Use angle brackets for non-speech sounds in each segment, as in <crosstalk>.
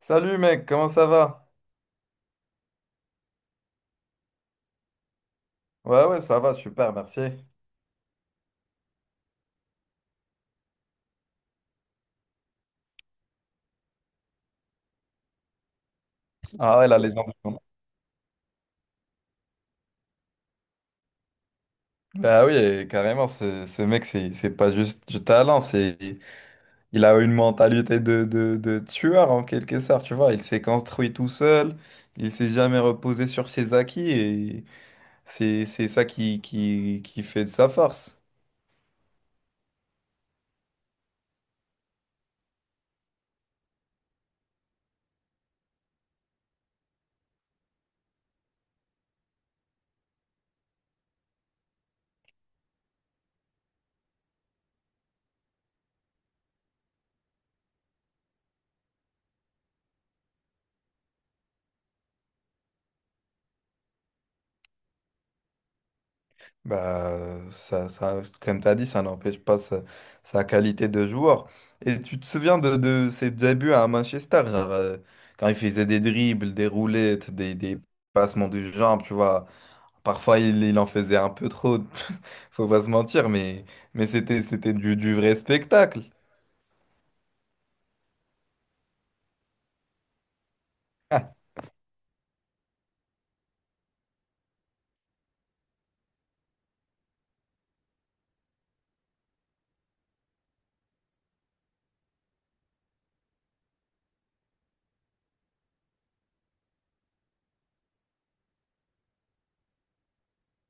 Salut mec, comment ça va? Ouais, ouais, ça va, super, merci. Ah ouais, la légende. Bah oui, et carrément, ce mec, c'est pas juste du talent, c'est il a une mentalité de tueur en quelque sorte, tu vois. Il s'est construit tout seul, il s'est jamais reposé sur ses acquis, et c'est ça qui fait de sa force. Bah, ça, comme tu as dit, ça n'empêche pas sa, sa qualité de joueur. Et tu te souviens de ses débuts à Manchester, genre, quand il faisait des dribbles, des roulettes, des passements de jambes, tu vois. Parfois, il en faisait un peu trop, <laughs> faut pas se mentir, mais c'était du vrai spectacle.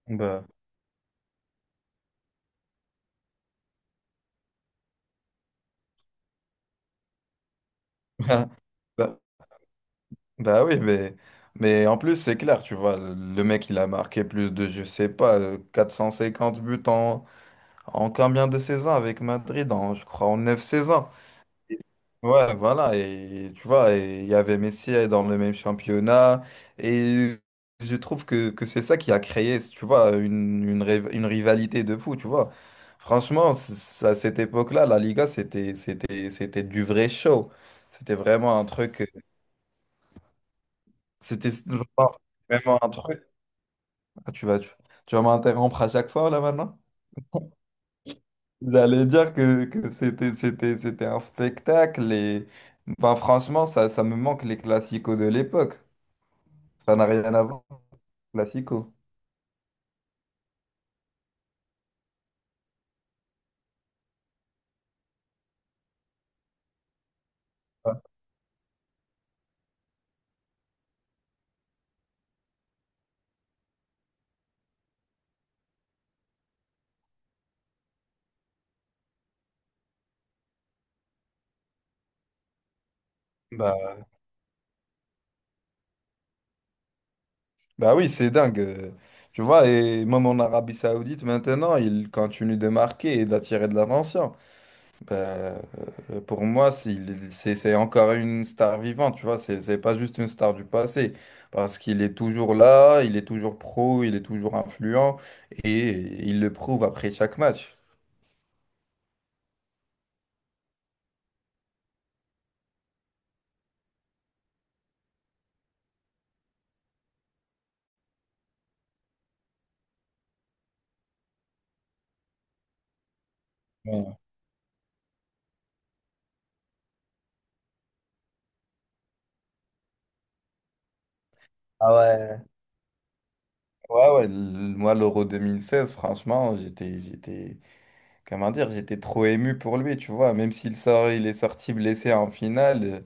Bah, <laughs> bah, bah oui, mais en plus, c'est clair, tu vois, le mec, il a marqué plus de, je sais pas, 450 buts en, en combien de saisons avec Madrid? En, je crois en 9 saisons. Ouais, voilà. Et tu vois, et il y avait Messi dans le même championnat. Et je trouve que c'est ça qui a créé, tu vois, une rivalité de fou, tu vois. Franchement, à cette époque-là, la Liga, c'était du vrai show. C'était vraiment un truc. C'était vraiment un truc. Ah, tu vas m'interrompre à chaque fois, là, maintenant? J'allais dire que, c'était un spectacle et ben franchement, ça me manque les classicos de l'époque. Ça n'a rien à voir les classicos. Ouais. Bah, bah oui, c'est dingue. Tu vois, et même en Arabie Saoudite maintenant, il continue de marquer et d'attirer de l'attention. Bah, euh, pour moi, c'est encore une star vivante, tu vois, c'est pas juste une star du passé. Parce qu'il est toujours là, il est toujours pro, il est toujours influent et il le prouve après chaque match. Ouais. Ah ouais, ouais, ouais. Moi, l'Euro 2016, franchement, comment dire, j'étais trop ému pour lui, tu vois. Il est sorti blessé en finale,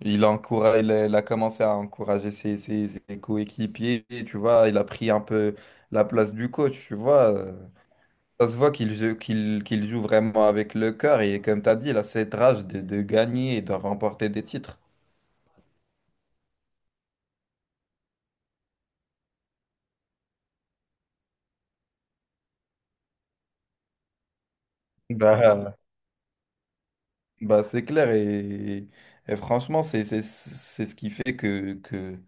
il encourage, il a commencé à encourager ses coéquipiers, tu vois. Il a pris un peu la place du coach, tu vois. Ça se voit qu'il joue, qu'il joue vraiment avec le cœur et comme tu as dit, il a cette rage de gagner et de remporter des titres. Bah, bah, c'est clair et franchement, c'est ce qui fait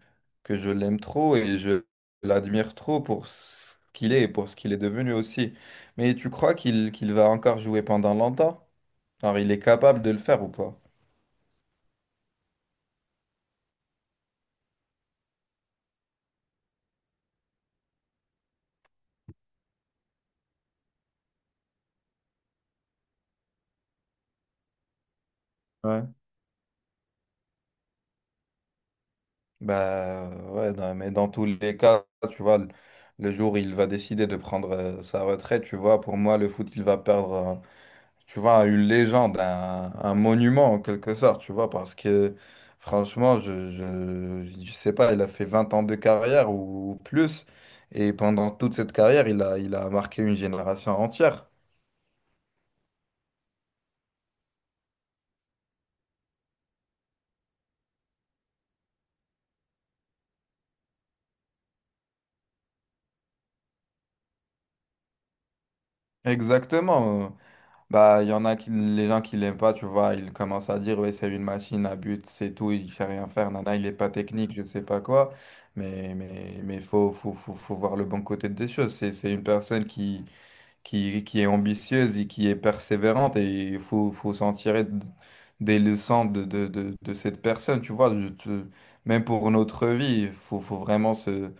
que je l'aime trop et je l'admire trop pour ce qu'il est et pour ce qu'il est devenu aussi. Mais tu crois qu'il va encore jouer pendant longtemps? Alors, il est capable de le faire ou pas? Ouais. Bah ouais, non, mais dans tous les cas, tu vois, le jour où il va décider de prendre sa retraite, tu vois, pour moi, le foot, il va perdre. Tu vois, une légende, un monument en quelque sorte, tu vois, parce que franchement, je sais pas, il a fait 20 ans de carrière ou plus, et pendant toute cette carrière, il a marqué une génération entière. Exactement. Bah, il y en a qui, les gens qui l'aiment pas, tu vois, ils commencent à dire, ouais, c'est une machine à but, c'est tout, il sait rien faire, nana, il est pas technique, je sais pas quoi. Mais faut voir le bon côté des choses. C'est une personne qui qui est ambitieuse et qui est persévérante et il faut, faut s'en tirer des leçons de cette personne, tu vois. Même pour notre vie, faut vraiment se,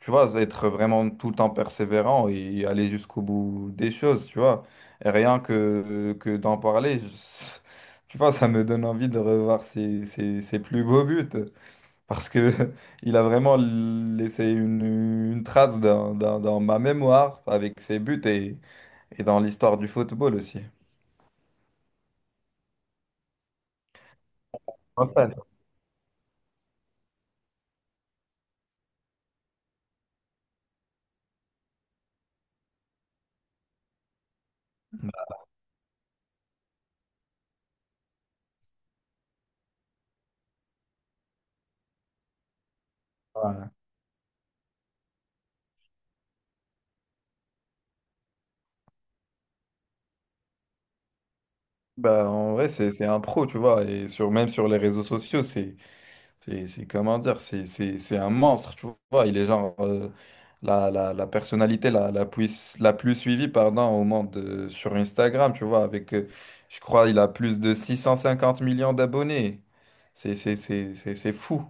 tu vois, être vraiment tout le temps persévérant et aller jusqu'au bout des choses, tu vois. Et rien que d'en parler, tu vois, ça me donne envie de revoir ses plus beaux buts. Parce que <laughs> il a vraiment laissé une trace dans ma mémoire avec ses buts et dans l'histoire du football aussi. Un fan. Voilà. Bah, en vrai, c'est un pro, tu vois. Et sur, même sur les réseaux sociaux, comment dire, c'est un monstre, tu vois. Il est genre la personnalité la plus suivie, pardon, au monde sur Instagram, tu vois. Avec, je crois, il a plus de 650 millions d'abonnés. C'est fou.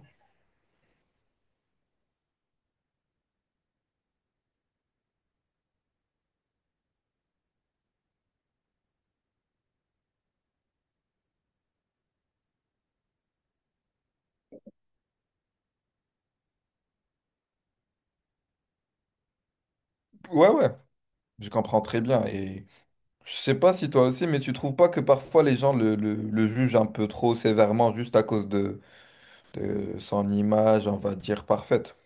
Ouais, ouais, je comprends très bien. Et je sais pas si toi aussi, mais tu trouves pas que parfois les gens le jugent un peu trop sévèrement juste à cause de son image, on va dire, parfaite.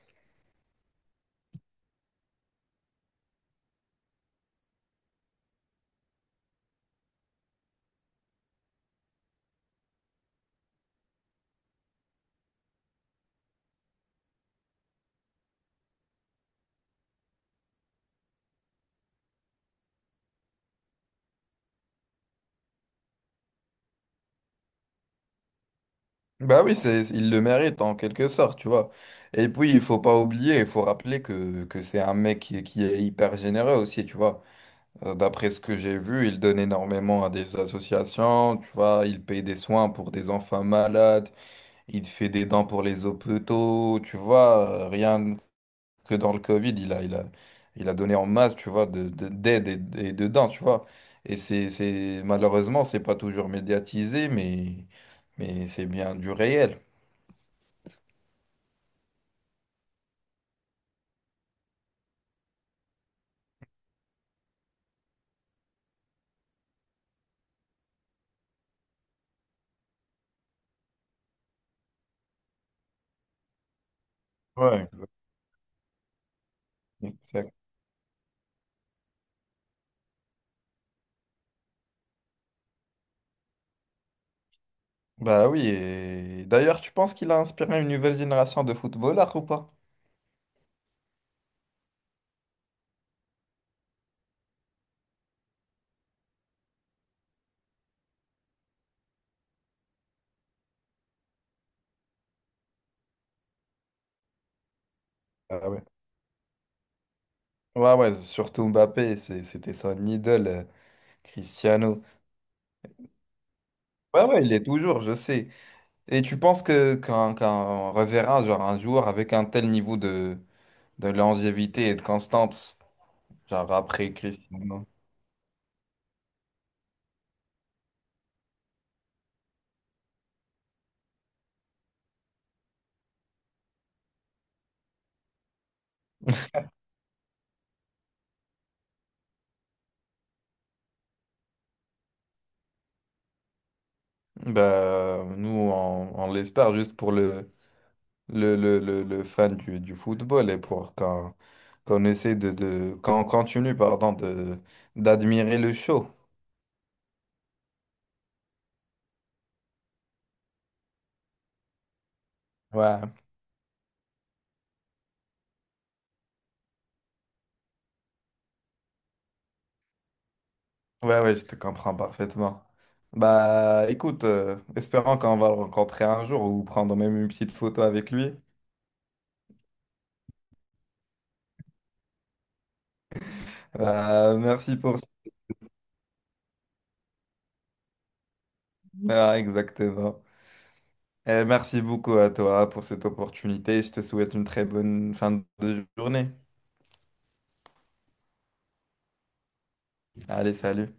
Bah oui, c'est, il le mérite en quelque sorte, tu vois. Et puis, il faut pas oublier, il faut rappeler que c'est un mec qui est hyper généreux aussi, tu vois. D'après ce que j'ai vu, il donne énormément à des associations, tu vois. Il paye des soins pour des enfants malades, il fait des dents pour les hôpitaux, tu vois. Rien, que dans le Covid, il a donné en masse, tu vois, d'aide et de dons, tu vois. Et c'est, malheureusement, c'est pas toujours médiatisé, mais c'est bien du réel. Ouais. Exact. Bah oui, et d'ailleurs, tu penses qu'il a inspiré une nouvelle génération de footballeurs ou pas? Ah ouais. Ouais, ouais, surtout Mbappé, c'était son idole, Cristiano. Ouais, ouais, il est toujours, je sais. Et tu penses que qu'un reverra genre un jour avec un tel niveau de longévité et de constance, genre après Cristiano. Bah, nous, on l'espère juste pour le fan du football et pour qu'on qu'on essaie de qu'on continue, pardon, de d'admirer le show. Ouais, ouais, je te comprends parfaitement. Bah, écoute, espérons qu'on va le rencontrer un jour ou prendre même une petite photo avec lui. Merci pour ça. Ah, exactement. Eh, merci beaucoup à toi pour cette opportunité. Je te souhaite une très bonne fin de journée. Allez, salut.